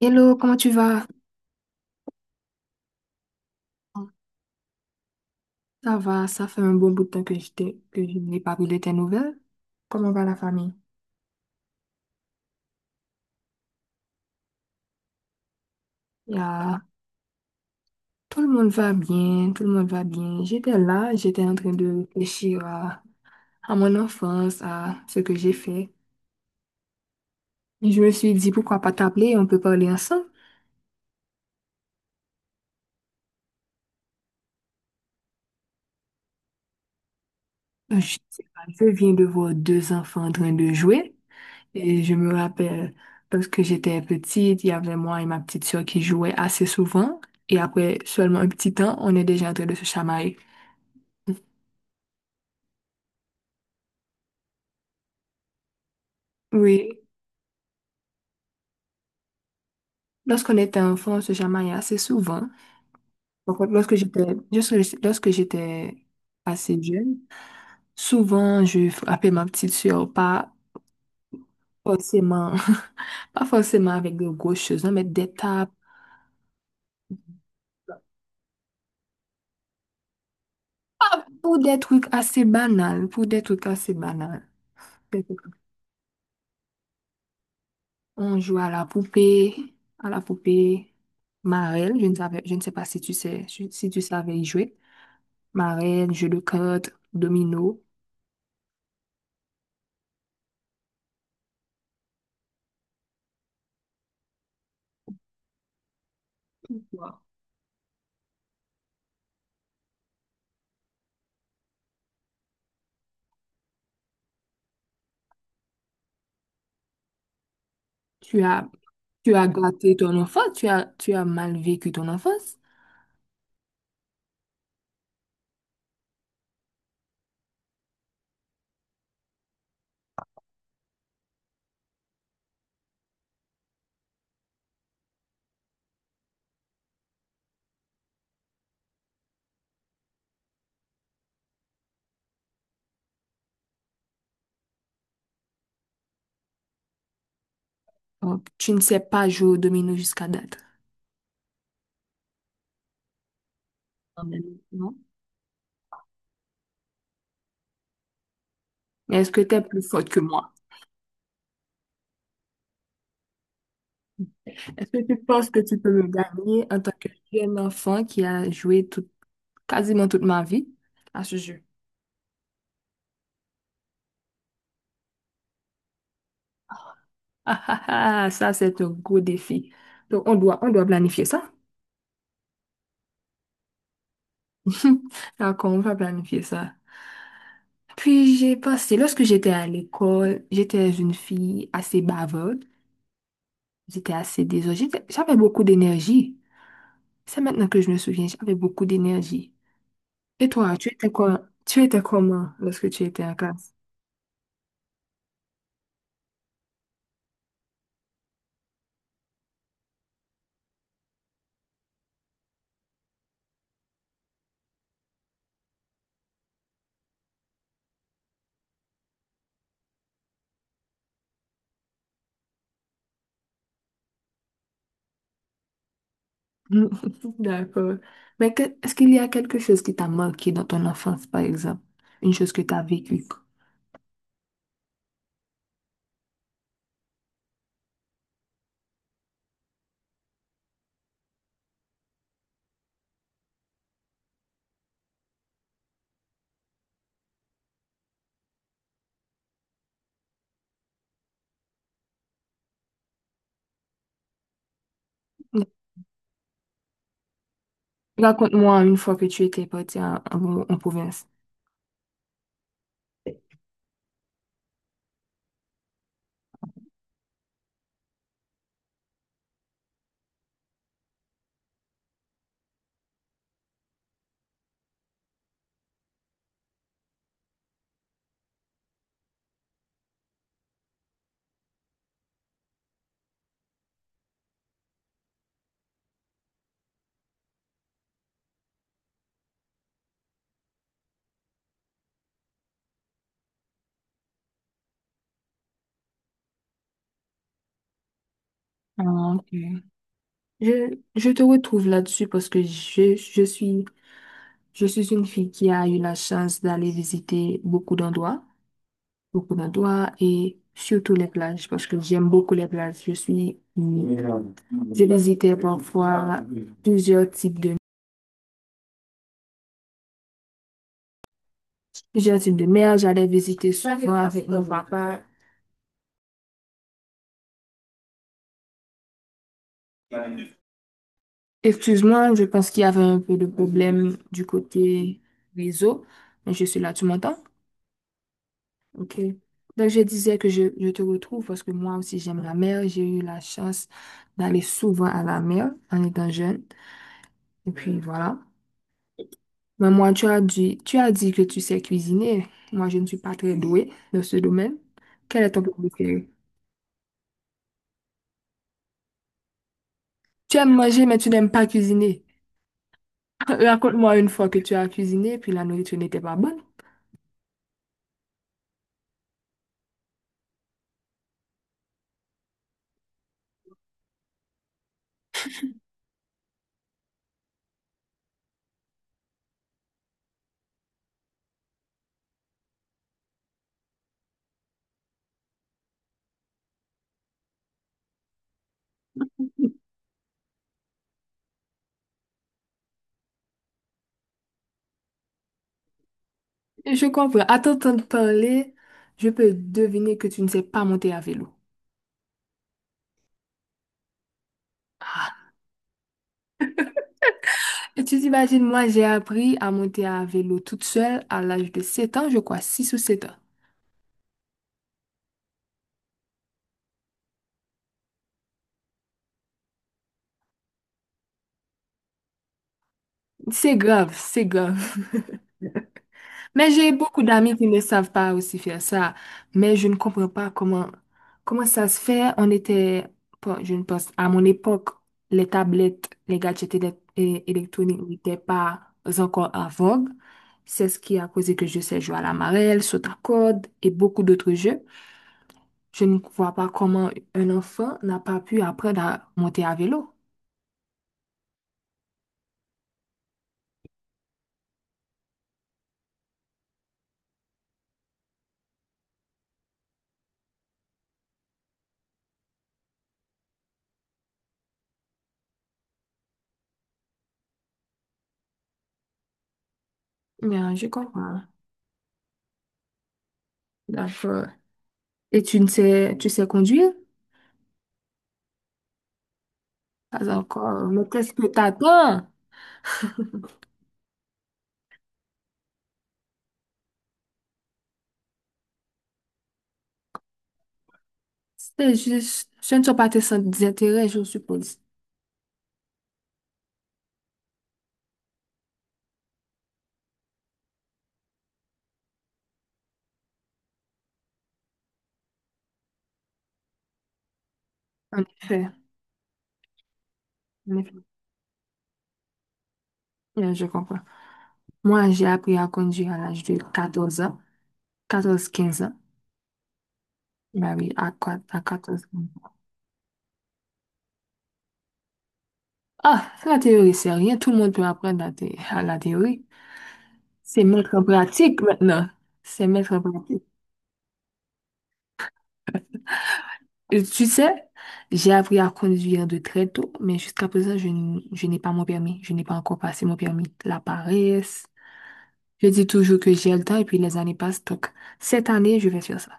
Hello, comment tu vas? Ça va, ça fait un bon bout de temps que que je n'ai pas pris de tes nouvelles. Comment va la famille? Il y a- Tout le monde va bien, tout le monde va bien. J'étais là, j'étais en train de réfléchir à mon enfance, à ce que j'ai fait. Et je me suis dit, pourquoi pas t'appeler, on peut parler ensemble. Je sais pas, je viens de voir deux enfants en train de jouer. Et je me rappelle, lorsque j'étais petite, il y avait moi et ma petite sœur qui jouaient assez souvent. Et après seulement un petit temps, on est déjà en train de se chamailler. Oui, lorsqu'on était enfant, on se chamaillait assez souvent. Par contre, lorsque lorsque j'étais assez jeune, souvent je frappais ma petite sœur, pas forcément, pas forcément avec de grosses choses, hein, mais des tapes. Ah, pour des trucs assez banals, pour des trucs assez banals. On joue à la poupée à la poupée marelle. Je ne sais pas si tu sais, si tu savais y jouer. Marelle, jeu de cartes, domino. Wow. Tu as, tu as gâté ton enfance, tu as mal vécu ton enfance. Donc, tu ne sais pas jouer au domino jusqu'à date. Quand même, non? Mais est-ce que tu es plus forte que moi? Est-ce que tu penses que tu peux me gagner en tant que jeune enfant qui a joué tout, quasiment toute ma vie à ce jeu? Ah, ah, ah, ça, c'est un gros défi. Donc, on doit planifier ça. D'accord, on va planifier ça. Puis, j'ai passé, lorsque j'étais à l'école, j'étais une fille assez bavarde. J'étais assez désordre. J'avais beaucoup d'énergie. C'est maintenant que je me souviens, j'avais beaucoup d'énergie. Et toi, tu étais quoi, tu étais comment lorsque tu étais en classe? D'accord. Mais est-ce qu'il y a quelque chose qui t'a marqué dans ton enfance, par exemple? Une chose que tu as vécue? Raconte-moi une fois que tu étais parti en province. Ah, ok. Je te retrouve là-dessus parce que je suis une fille qui a eu la chance d'aller visiter beaucoup d'endroits et surtout les plages parce que j'aime beaucoup les plages. Je visitais parfois plusieurs types de, plusieurs types de mer. J'allais visiter souvent avec. Excuse-moi, je pense qu'il y avait un peu de problème du côté réseau, mais je suis là, tu m'entends? OK. Donc, je disais que je te retrouve parce que moi aussi, j'aime la mer. J'ai eu la chance d'aller souvent à la mer en étant jeune. Et puis, voilà. Mais moi, tu as dit que tu sais cuisiner. Moi, je ne suis pas très douée dans ce domaine. Quel est ton plat préféré? Tu aimes manger, mais tu n'aimes pas cuisiner. Raconte-moi une fois que tu as cuisiné, puis la nourriture n'était pas bonne. Je comprends. À t'entendre parler, je peux deviner que tu ne sais pas monter à vélo. Ah, et tu t'imagines, moi, j'ai appris à monter à vélo toute seule à l'âge de 7 ans, je crois, 6 ou 7 ans. C'est grave, c'est grave. Mais j'ai beaucoup d'amis qui ne savent pas aussi faire ça. Mais je ne comprends pas comment ça se fait. On était, bon, je ne pense, à mon époque, les tablettes, les gadgets électroniques n'étaient pas encore en vogue. C'est ce qui a causé que je sais jouer à la marelle, saut à corde et beaucoup d'autres jeux. Je ne vois pas comment un enfant n'a pas pu apprendre à monter à vélo. Bien, je comprends. D'accord. Et tu sais conduire? Pas encore. Mais qu'est-ce que t'attends? C'est juste, ce ne sont pas tes centres d'intérêt, je suppose. En effet, en effet. Bien, je comprends. Moi, j'ai appris à conduire à l'âge de 14 ans, 14 15 ans. Bah oui, à 14 ans. Ah, la théorie, c'est rien. Tout le monde peut apprendre à la théorie. C'est mettre en pratique maintenant. C'est mettre en pratique. Et tu sais, j'ai appris à conduire de très tôt, mais jusqu'à présent, je n'ai pas mon permis. Je n'ai pas encore passé mon permis. La paresse. Je dis toujours que j'ai le temps et puis les années passent. Donc, cette année, je vais faire ça.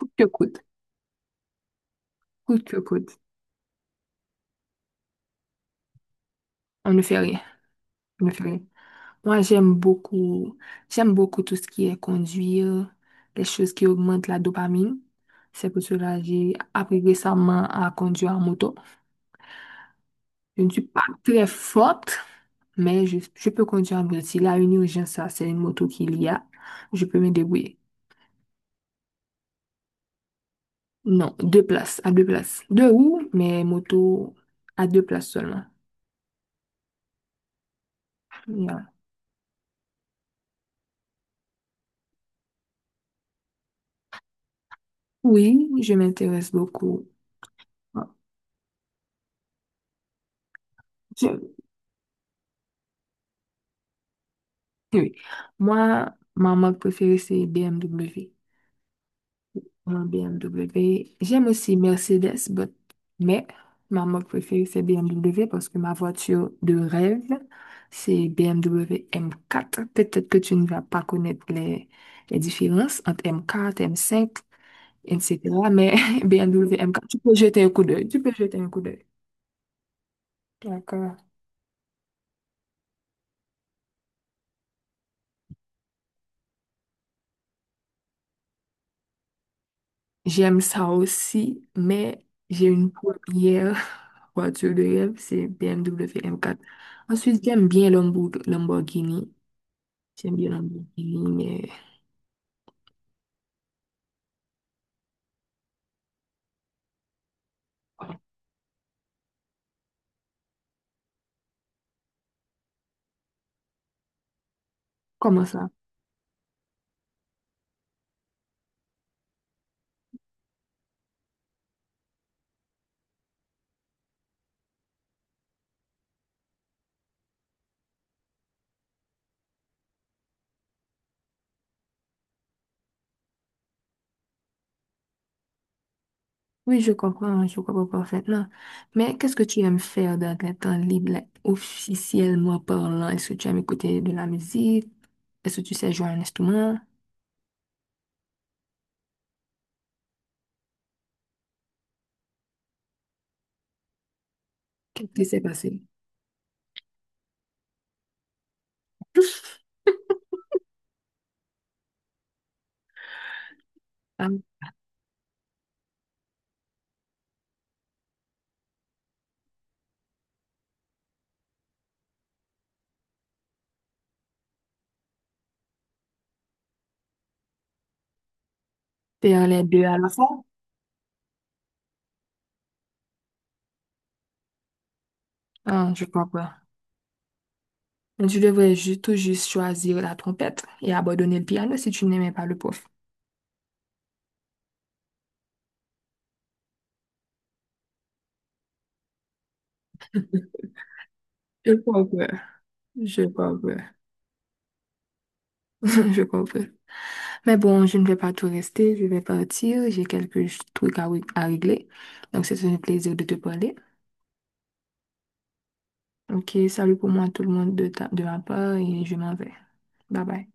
Coûte que coûte. Coûte que coûte. On ne fait rien. On ne fait rien. Moi, j'aime beaucoup tout ce qui est conduire, les choses qui augmentent la dopamine. C'est pour cela que j'ai appris récemment à conduire en moto. Je ne suis pas très forte, mais je peux conduire en moto. S'il y a une urgence, ça, c'est une moto qu'il y a, je peux me débrouiller. Non, deux places, à deux places. Deux roues, mais moto à deux places seulement. Yeah. Oui, je m'intéresse beaucoup. Ah, je- oui. Oui. Moi, ma marque préférée, c'est BMW. Mon BMW. J'aime aussi Mercedes, mais ma marque préférée, c'est BMW parce que ma voiture de rêve, c'est BMW M4. Peut-être que tu ne vas pas connaître les différences entre M4, M5, etc. Mais BMW M4, tu peux jeter un coup d'œil. Tu peux jeter un coup d'œil. D'accord. J'aime ça aussi, mais j'ai une première voiture de rêve, c'est BMW M4. Ensuite, j'aime bien Lamborghini. J'aime bien Lamborghini, mais comment ça? Oui, je comprends parfaitement. Mais qu'est-ce que tu aimes faire dans ton temps libre, like, officiellement parlant? Est-ce que tu aimes écouter de la musique? Est-ce que tu sais jouer à un instrument? Qu'est-ce qui s'est passé? Ah, faire les deux à la fois? Ah, je comprends. Tu devrais tout juste choisir la trompette et abandonner le piano si tu n'aimais pas le prof. Je comprends, je comprends, je comprends. Mais bon, je ne vais pas tout rester, je vais partir, j'ai quelques trucs à régler. Donc, c'est un plaisir de te parler. Ok, salut pour moi tout le monde de ma part et je m'en vais. Bye bye.